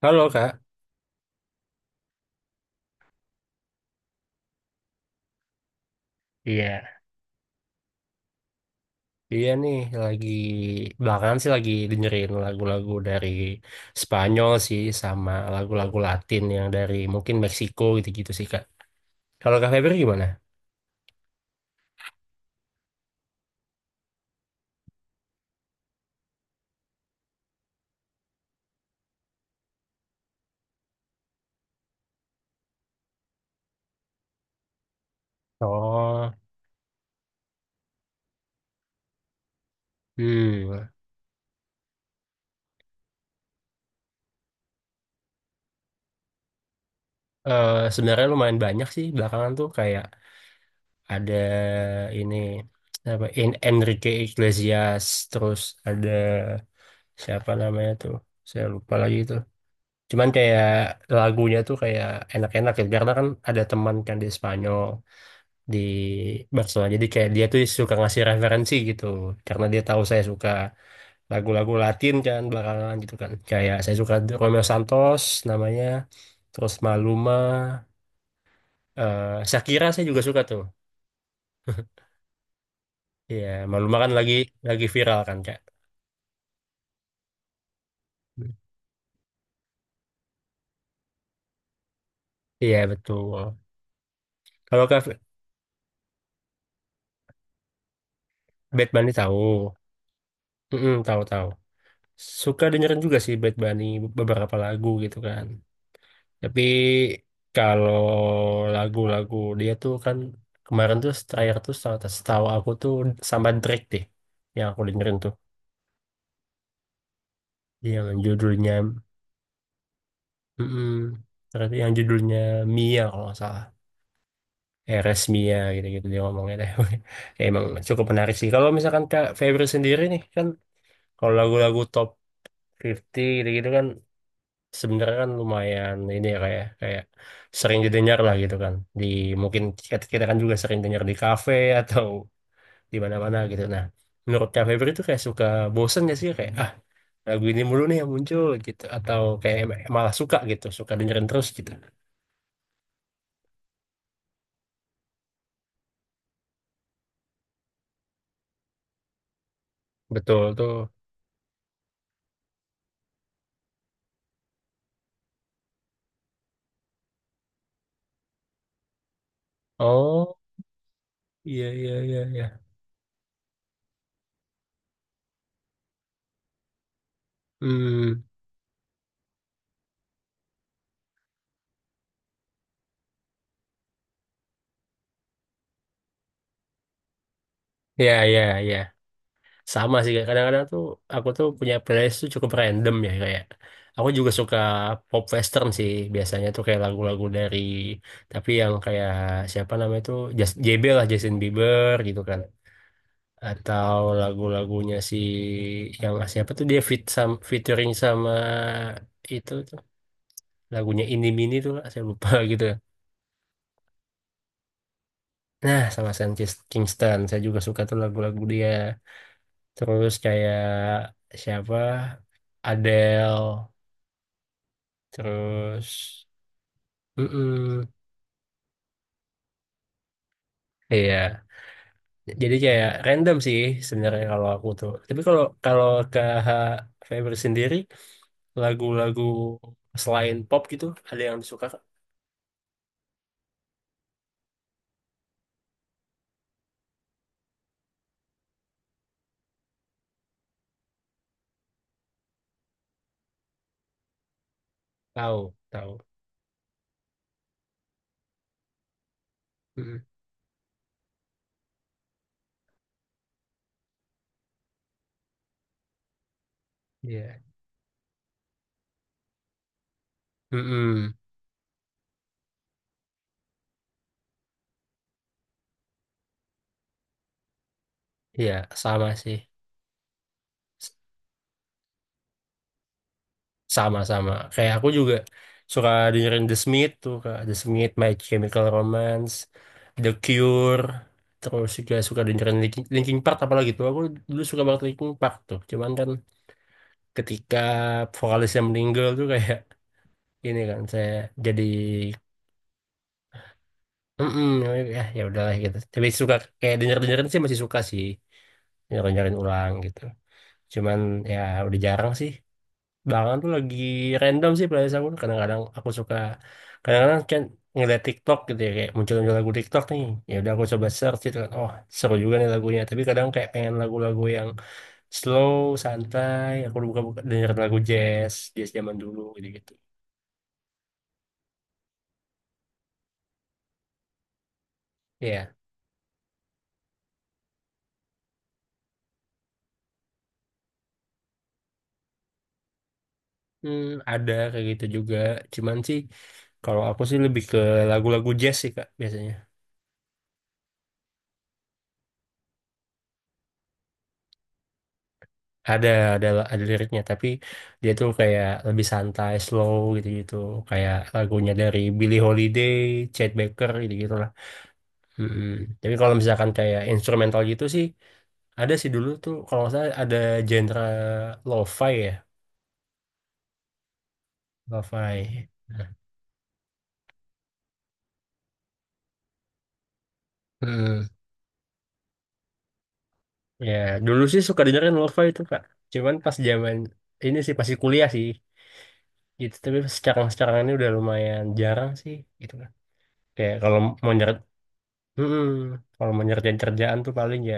Halo Kak. Iya, iya nih lagi belakangan sih lagi dengerin lagu-lagu dari Spanyol sih sama lagu-lagu Latin yang dari mungkin Meksiko gitu-gitu sih Kak. Kalau Kak Febri gimana? Oh, hmm. Sebenarnya lumayan banyak sih belakangan tuh kayak ada ini apa Enrique Iglesias, terus ada siapa namanya tuh? Saya lupa lagi itu. Cuman kayak lagunya tuh kayak enak-enak ya, karena kan ada teman kan di Spanyol, di Barcelona. Jadi kayak dia tuh suka ngasih referensi gitu karena dia tahu saya suka lagu-lagu Latin kan belakangan gitu kan. Kayak saya suka Romeo Santos namanya, terus Maluma, eh Shakira saya juga suka tuh. Iya, Maluma kan lagi viral kan Kak. Iya, betul. Kalau Kak Bad Bunny, tahu. Mm-mm, tahu-tahu. Suka dengerin juga sih Bad Bunny beberapa lagu gitu kan. Tapi kalau lagu-lagu dia tuh kan, kemarin tuh terakhir tuh setahu setahu aku tuh sama Drake deh yang aku dengerin tuh. Yang judulnya mm yang judulnya Mia kalau nggak salah. RS Mia gitu-gitu dia ngomongnya deh. Ya, emang cukup menarik sih. Kalau misalkan Kak Febri sendiri nih kan, kalau lagu-lagu top 50 gitu-gitu kan, sebenarnya kan lumayan ini ya, kayak kayak sering didengar lah gitu kan, di mungkin kita kan juga sering dengar di kafe atau di mana-mana gitu, nah menurut Kak Febri itu kayak suka bosen gak sih kayak, ah, lagu ini mulu nih yang muncul gitu, atau kayak malah suka gitu, suka dengerin terus gitu. Betul tuh. Oh, iya iya iya iya. Hmm, iya iya iya, sama sih Kak. Kadang-kadang tuh aku tuh punya playlist tuh cukup random ya, kayak aku juga suka pop western sih biasanya tuh, kayak lagu-lagu dari, tapi yang kayak, siapa namanya tuh, JB lah, Justin Bieber gitu kan. Atau lagu-lagunya si, yang siapa tuh, dia fit sam featuring sama itu tuh, lagunya ini mini tuh Kak. Saya lupa gitu. Nah, sama Sam Kingston saya juga suka tuh lagu-lagu dia, terus kayak siapa, Adele. Terus, mm, iya. Jadi kayak random sih sebenarnya kalau aku tuh. Tapi kalau kalau KH Feber sendiri, lagu-lagu selain pop gitu, ada yang disuka Kak? Tahu, tahu. Mm-mm. Iya. Mm-mm. Iya, sama sih. S- Sama-sama. Kayak aku juga suka dengerin The Smith tuh, Kak. The Smith, My Chemical Romance, The Cure. Terus juga suka dengerin Linkin Linkin Park, apalagi tuh. Aku dulu suka banget Linkin Park tuh. Cuman kan ketika vokalisnya meninggal tuh kayak ini kan, saya jadi mm ya ya udahlah gitu, tapi suka kayak dengerin sih, masih suka sih dengerin dengerin ulang gitu, cuman ya udah jarang sih, belakangan tuh lagi random sih playlist aku, kadang-kadang aku suka, kadang-kadang kan ngeliat TikTok gitu ya, kayak muncul-muncul lagu TikTok nih, ya udah aku coba search gitu kan, oh seru juga nih lagunya, tapi kadang kayak pengen lagu-lagu yang slow, santai, aku buka-buka dengerin lagu jazz jazz zaman dulu gitu gitu ya. Hmm, ada kayak gitu juga. Cuman sih kalau aku sih lebih ke lagu-lagu jazz sih Kak biasanya. Ada ada ada liriknya, tapi dia tuh kayak lebih santai, slow gitu-gitu. Kayak lagunya dari Billie Holiday, Chet Baker gitu-gitu lah. Mm-mm. Tapi kalau misalkan kayak instrumental gitu sih, ada sih dulu tuh, kalau saya ada genre lo-fi ya, lo-fi. Mm. Ya, dulu sih suka dengerin lo-fi itu, Kak. Cuman pas zaman ini sih pasti kuliah sih gitu. Tapi sekarang-sekarang ini udah lumayan jarang sih gitu kan. Kayak kalau mau nyeret Mm-mm. Kalau mau nyerjain kerjaan tuh paling ya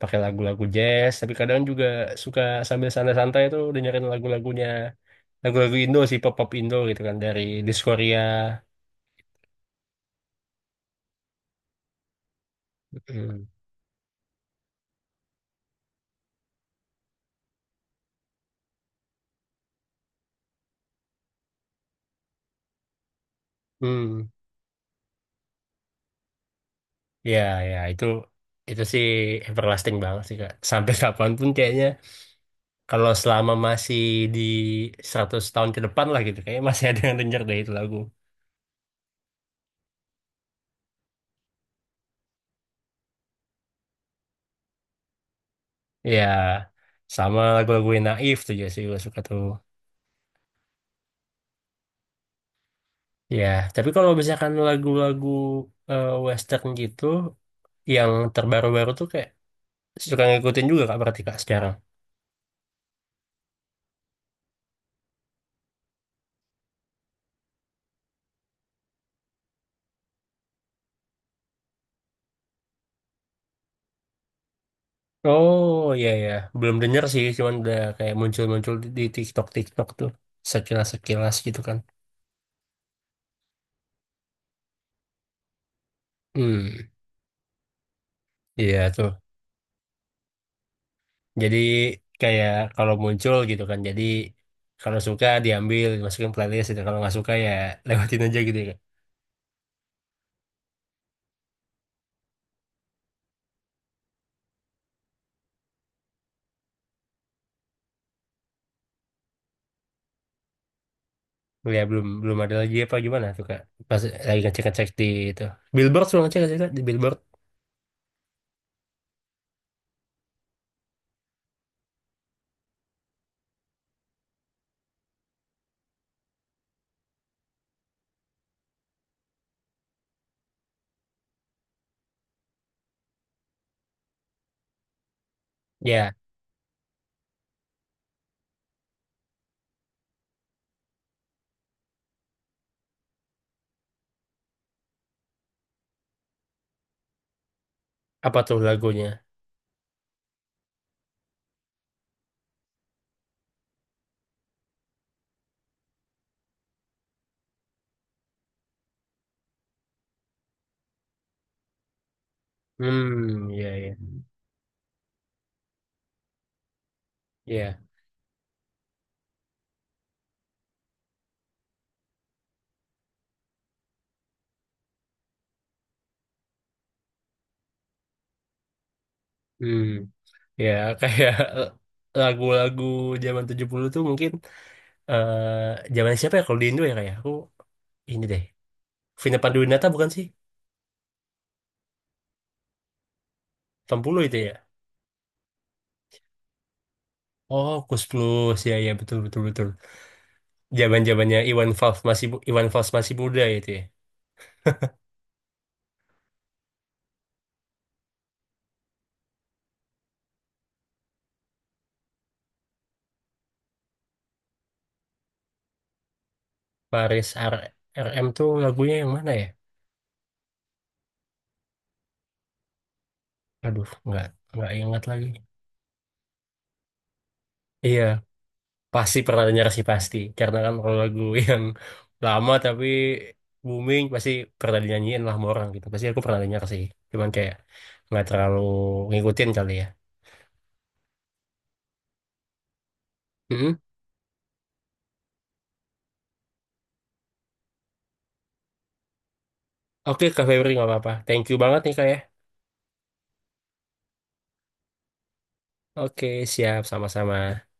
pakai lagu-lagu jazz, tapi kadang juga suka sambil santai-santai tuh dengerin lagu-lagu Indo sih, pop-pop Indo gitu kan, dari Diskoria. Mm. Hmm, ya, ya itu sih everlasting banget sih Kak. Sampai kapanpun kayaknya. Kalau selama masih di 100 tahun ke depan lah gitu, kayaknya masih ada yang denger deh itu lagu. Ya, sama lagu-lagu yang naif tuh ya sih gue suka tuh. Ya, tapi kalau misalkan lagu-lagu western gitu, yang terbaru-baru tuh kayak suka ngikutin juga Kak, berarti Kak sekarang. Oh iya ya, belum denger sih, cuman udah kayak muncul-muncul di TikTok-Tiktok tuh, sekilas-sekilas gitu kan. Hmm, iya tuh. Jadi kayak kalau muncul gitu kan. Jadi kalau suka, diambil, dimasukin playlist gitu. Kalau nggak suka ya lewatin aja gitu ya. Ya, belum belum ada lagi apa gimana tuh Kak? Pas lagi ngecek-ngecek di itu, Billboard, suka ngecek ngecek di Billboard. Ya, apa tuh lagunya? Hmm, ya ya. Ya. Hmm. Ya, kayak lagu-lagu zaman 70 tuh mungkin, eh zaman siapa ya kalau di Indo ya, kayak aku ini deh. Vina Panduwinata bukan sih? 80 itu ya. Oh, Kus Plus. Ya, ya, betul, betul, betul. Jaman-jamannya Iwan Fals masih muda itu ya. Paris RM tuh lagunya yang mana ya? Aduh, nggak ingat lagi. Iya, pasti pernah dengar sih pasti. Karena kan kalau lagu yang lama tapi booming pasti pernah dinyanyiin lah sama orang gitu. Pasti aku pernah dengar sih. Cuman kayak nggak terlalu ngikutin kali ya. Mm-mm. Oke, Kak Febri, nggak apa-apa. Thank you banget nih Kak ya. Oke, siap. Sama-sama.